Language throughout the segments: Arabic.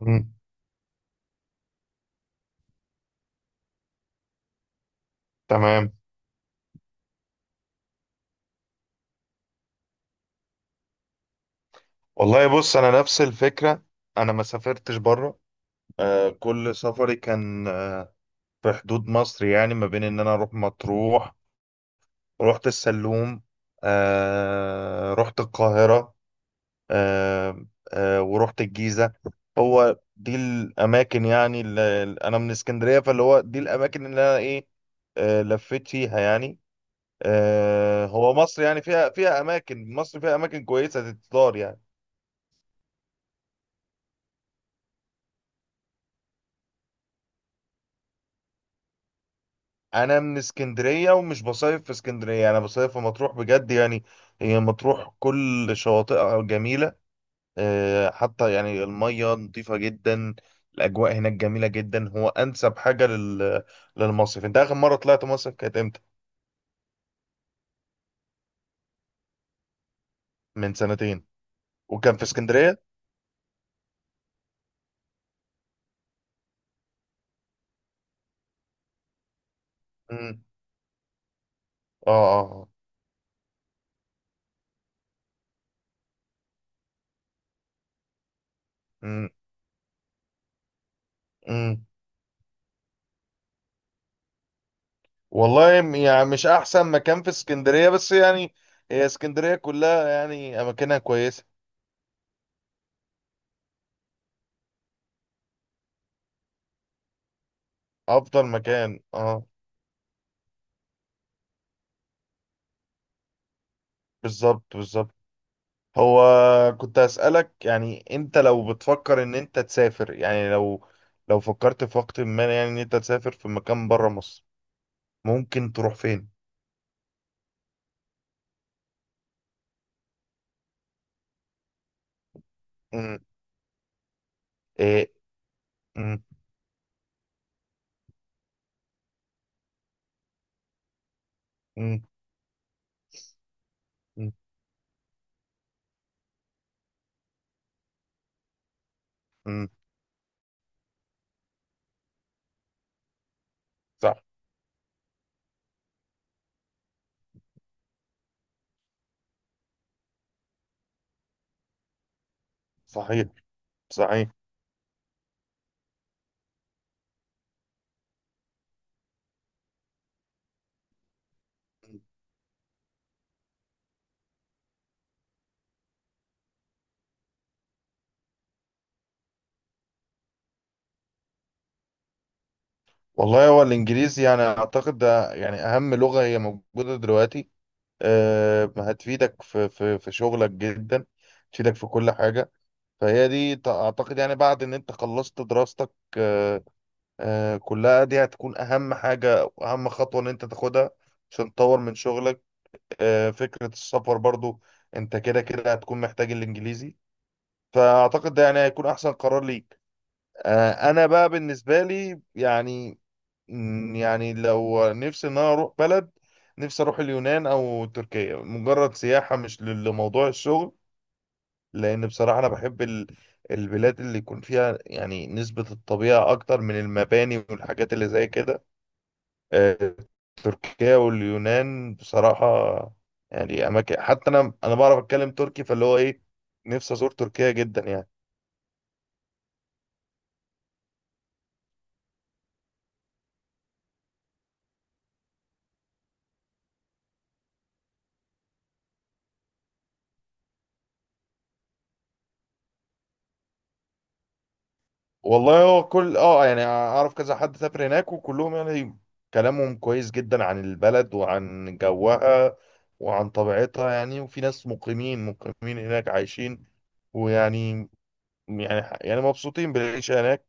مم. تمام. والله بص، انا نفس الفكره. انا ما سافرتش بره. كل سفري كان في حدود مصر، يعني ما بين ان انا اروح مطروح، رحت السلوم، رحت القاهره، آه ورحت الجيزه. هو دي الاماكن، يعني اللي انا من اسكندريه، فاللي هو دي الاماكن اللي انا ايه، لفيت فيها يعني. هو مصر يعني فيها اماكن، مصر فيها اماكن كويسه تتزار يعني. انا من اسكندريه ومش بصيف في اسكندريه، انا بصيف في مطروح بجد يعني. هي مطروح كل شواطئها جميله. حتى يعني الميه نظيفه جدا. الاجواء هناك جميله جدا. هو انسب حاجه لل... للمصيف. انت اخر مره طلعت مصيف كانت امتى؟ من سنتين، وكان في اسكندريه. امم. اه اه. امم. امم. والله يعني مش احسن مكان في اسكندريه، بس يعني هي اسكندريه كلها يعني اماكنها كويسه. افضل مكان، اه. بالظبط، بالظبط. هو كنت أسألك، يعني انت لو بتفكر ان انت تسافر، يعني لو لو فكرت في وقت ما يعني ان انت تسافر في مكان بره مصر، ممكن تروح فين؟ امم. ايه. امم. امم. امم. صح. صحيح. صحيح. والله هو الانجليزي يعني اعتقد ده يعني اهم لغة هي موجودة دلوقتي. أه، هتفيدك في في شغلك جدا، تفيدك في كل حاجة. فهي دي اعتقد يعني بعد ان انت خلصت دراستك، آه، كلها دي هتكون اهم حاجة واهم خطوة ان انت تاخدها عشان تطور من شغلك. فكرة السفر برضو، انت كده كده هتكون محتاج الانجليزي. فاعتقد ده يعني هيكون احسن قرار ليك. انا بقى بالنسبة لي يعني يعني لو نفسي ان انا اروح بلد، نفسي اروح اليونان او تركيا مجرد سياحة، مش لموضوع الشغل. لان بصراحة انا بحب البلاد اللي يكون فيها يعني نسبة الطبيعة اكتر من المباني والحاجات اللي زي كده. آه، تركيا واليونان بصراحة يعني أماكن. حتى أنا بعرف أتكلم تركي، فاللي هو إيه، نفسي أزور تركيا جدا يعني. والله هو كل أه يعني أعرف كذا حد سافر هناك، وكلهم يعني كلامهم كويس جدا عن البلد وعن جوها وعن طبيعتها يعني. وفي ناس مقيمين هناك عايشين ويعني يعني مبسوطين بالعيشة هناك.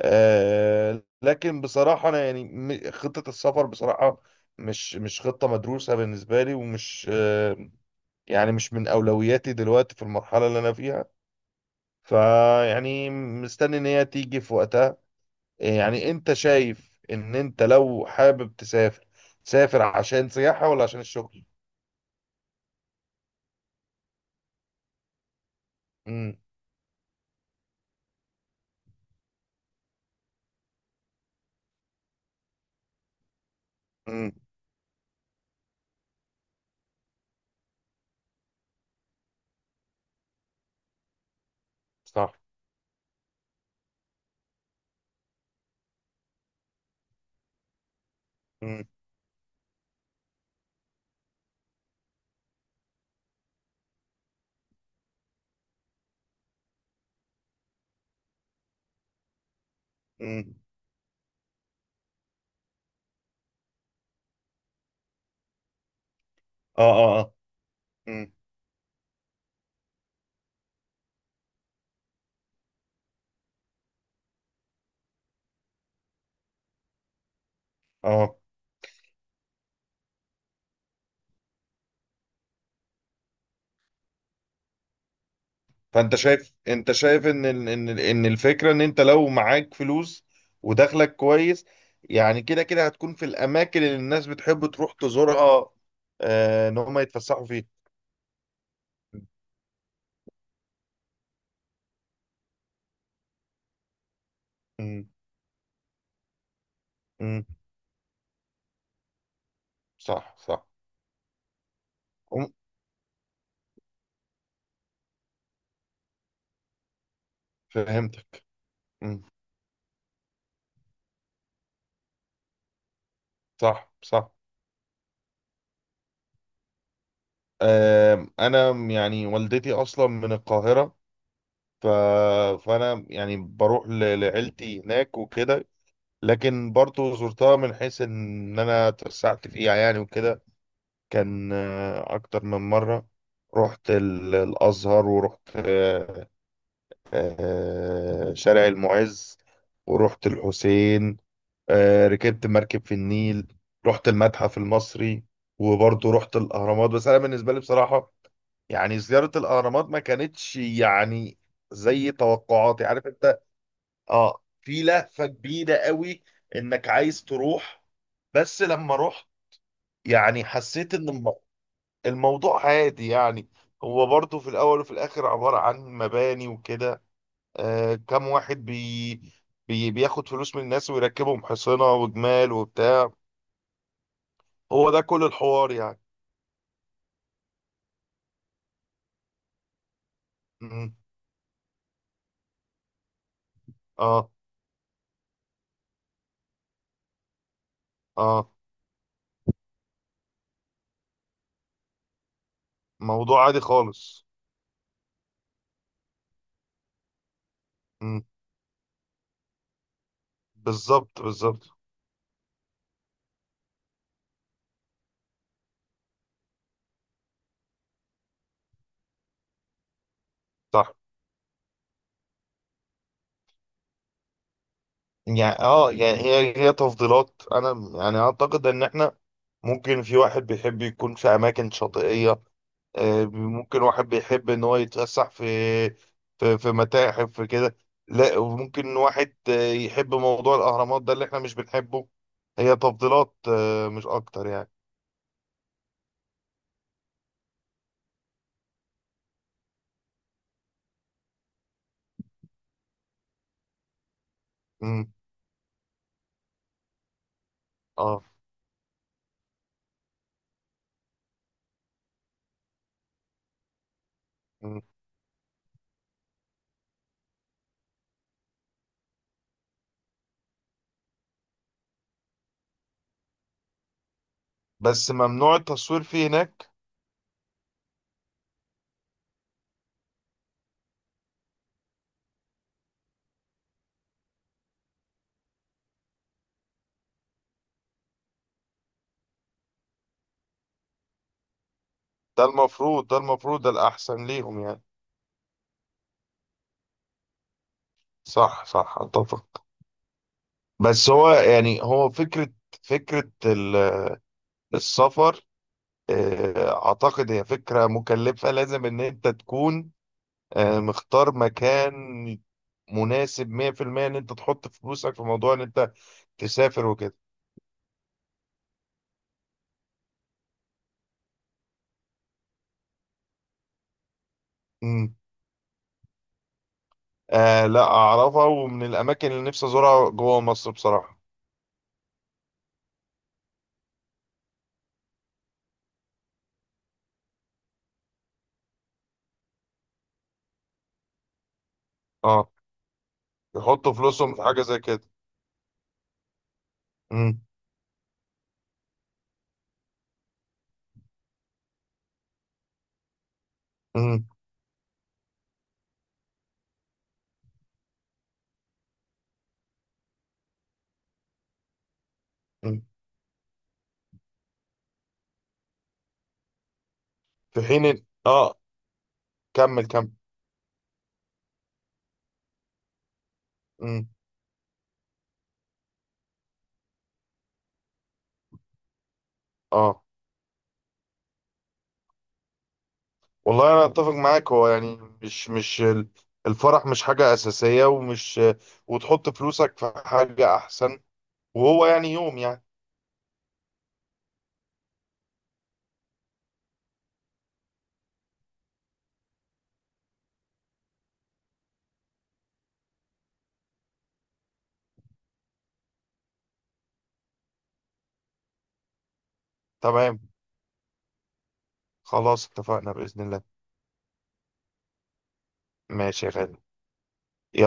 لكن بصراحة أنا يعني خطة السفر بصراحة مش خطة مدروسة بالنسبة لي، ومش يعني مش من أولوياتي دلوقتي في المرحلة اللي أنا فيها. فيعني مستني إن هي تيجي في وقتها. يعني أنت شايف إن أنت لو حابب تسافر، تسافر عشان سياحة ولا عشان الشغل؟ امم. امم. صح. امم. امم. اه اه اه. امم. اه. فانت شايف، انت شايف ان الفكره ان انت لو معاك فلوس ودخلك كويس، يعني كده كده هتكون في الاماكن اللي الناس بتحب تروح تزورها، ان هم يتفسحوا فيها. مم. مم. صح صح. مم. فهمتك. مم. صح صح. آم، انا يعني والدتي اصلا من القاهره، ف... فانا يعني بروح ل... لعيلتي هناك وكده. لكن برضو زرتها من حيث ان انا اتوسعت فيها يعني وكده، كان أكتر من مرة. رحت الأزهر، ورحت شارع المعز، ورحت الحسين. ركبت مركب في النيل، رحت المتحف المصري، وبرضه رحت الأهرامات. بس أنا بالنسبة لي بصراحة، يعني زيارة الأهرامات ما كانتش يعني زي توقعاتي، عارف أنت. آه، في لهفة كبيرة قوي إنك عايز تروح، بس لما رحت يعني حسيت إن الموضوع عادي يعني. هو برضه في الأول وفي الآخر عبارة عن مباني وكده. آه، كم واحد بي بي بياخد فلوس من الناس ويركبهم حصنة وجمال وبتاع. هو ده كل الحوار يعني. مم. اه اه. موضوع عادي خالص. مم. بالظبط بالظبط. صح. يعني اه يعني هي هي تفضيلات. انا يعني اعتقد ان احنا ممكن في واحد بيحب يكون في اماكن شاطئية، ممكن واحد بيحب ان هو يتفسح في في متاحف في كده، لا وممكن واحد يحب موضوع الاهرامات ده اللي احنا مش بنحبه. هي تفضيلات، مش اكتر يعني. امم. اه. مم. بس ممنوع التصوير فيه هناك. ده المفروض، ده المفروض ده الاحسن ليهم يعني. صح صح، اتفق. بس هو يعني هو فكرة، فكرة السفر أعتقد هي فكرة مكلفة. لازم إن أنت تكون مختار مكان مناسب 100%، إن أنت تحط فلوسك في موضوع إن أنت تسافر وكده. مم. آه، لا أعرفها، ومن الأماكن اللي نفسي أزورها جوه مصر بصراحة. أه، يحطوا فلوسهم في حاجة زي كده. مم. مم. مم. في حين أه، كمل كمل. مم. أه والله انا اتفق معاك. هو يعني مش مش الفرح مش حاجة اساسية، ومش وتحط فلوسك في حاجة احسن. وهو يعني يوم يعني. تمام، خلاص اتفقنا بإذن الله. ماشي يا غالي. يلا.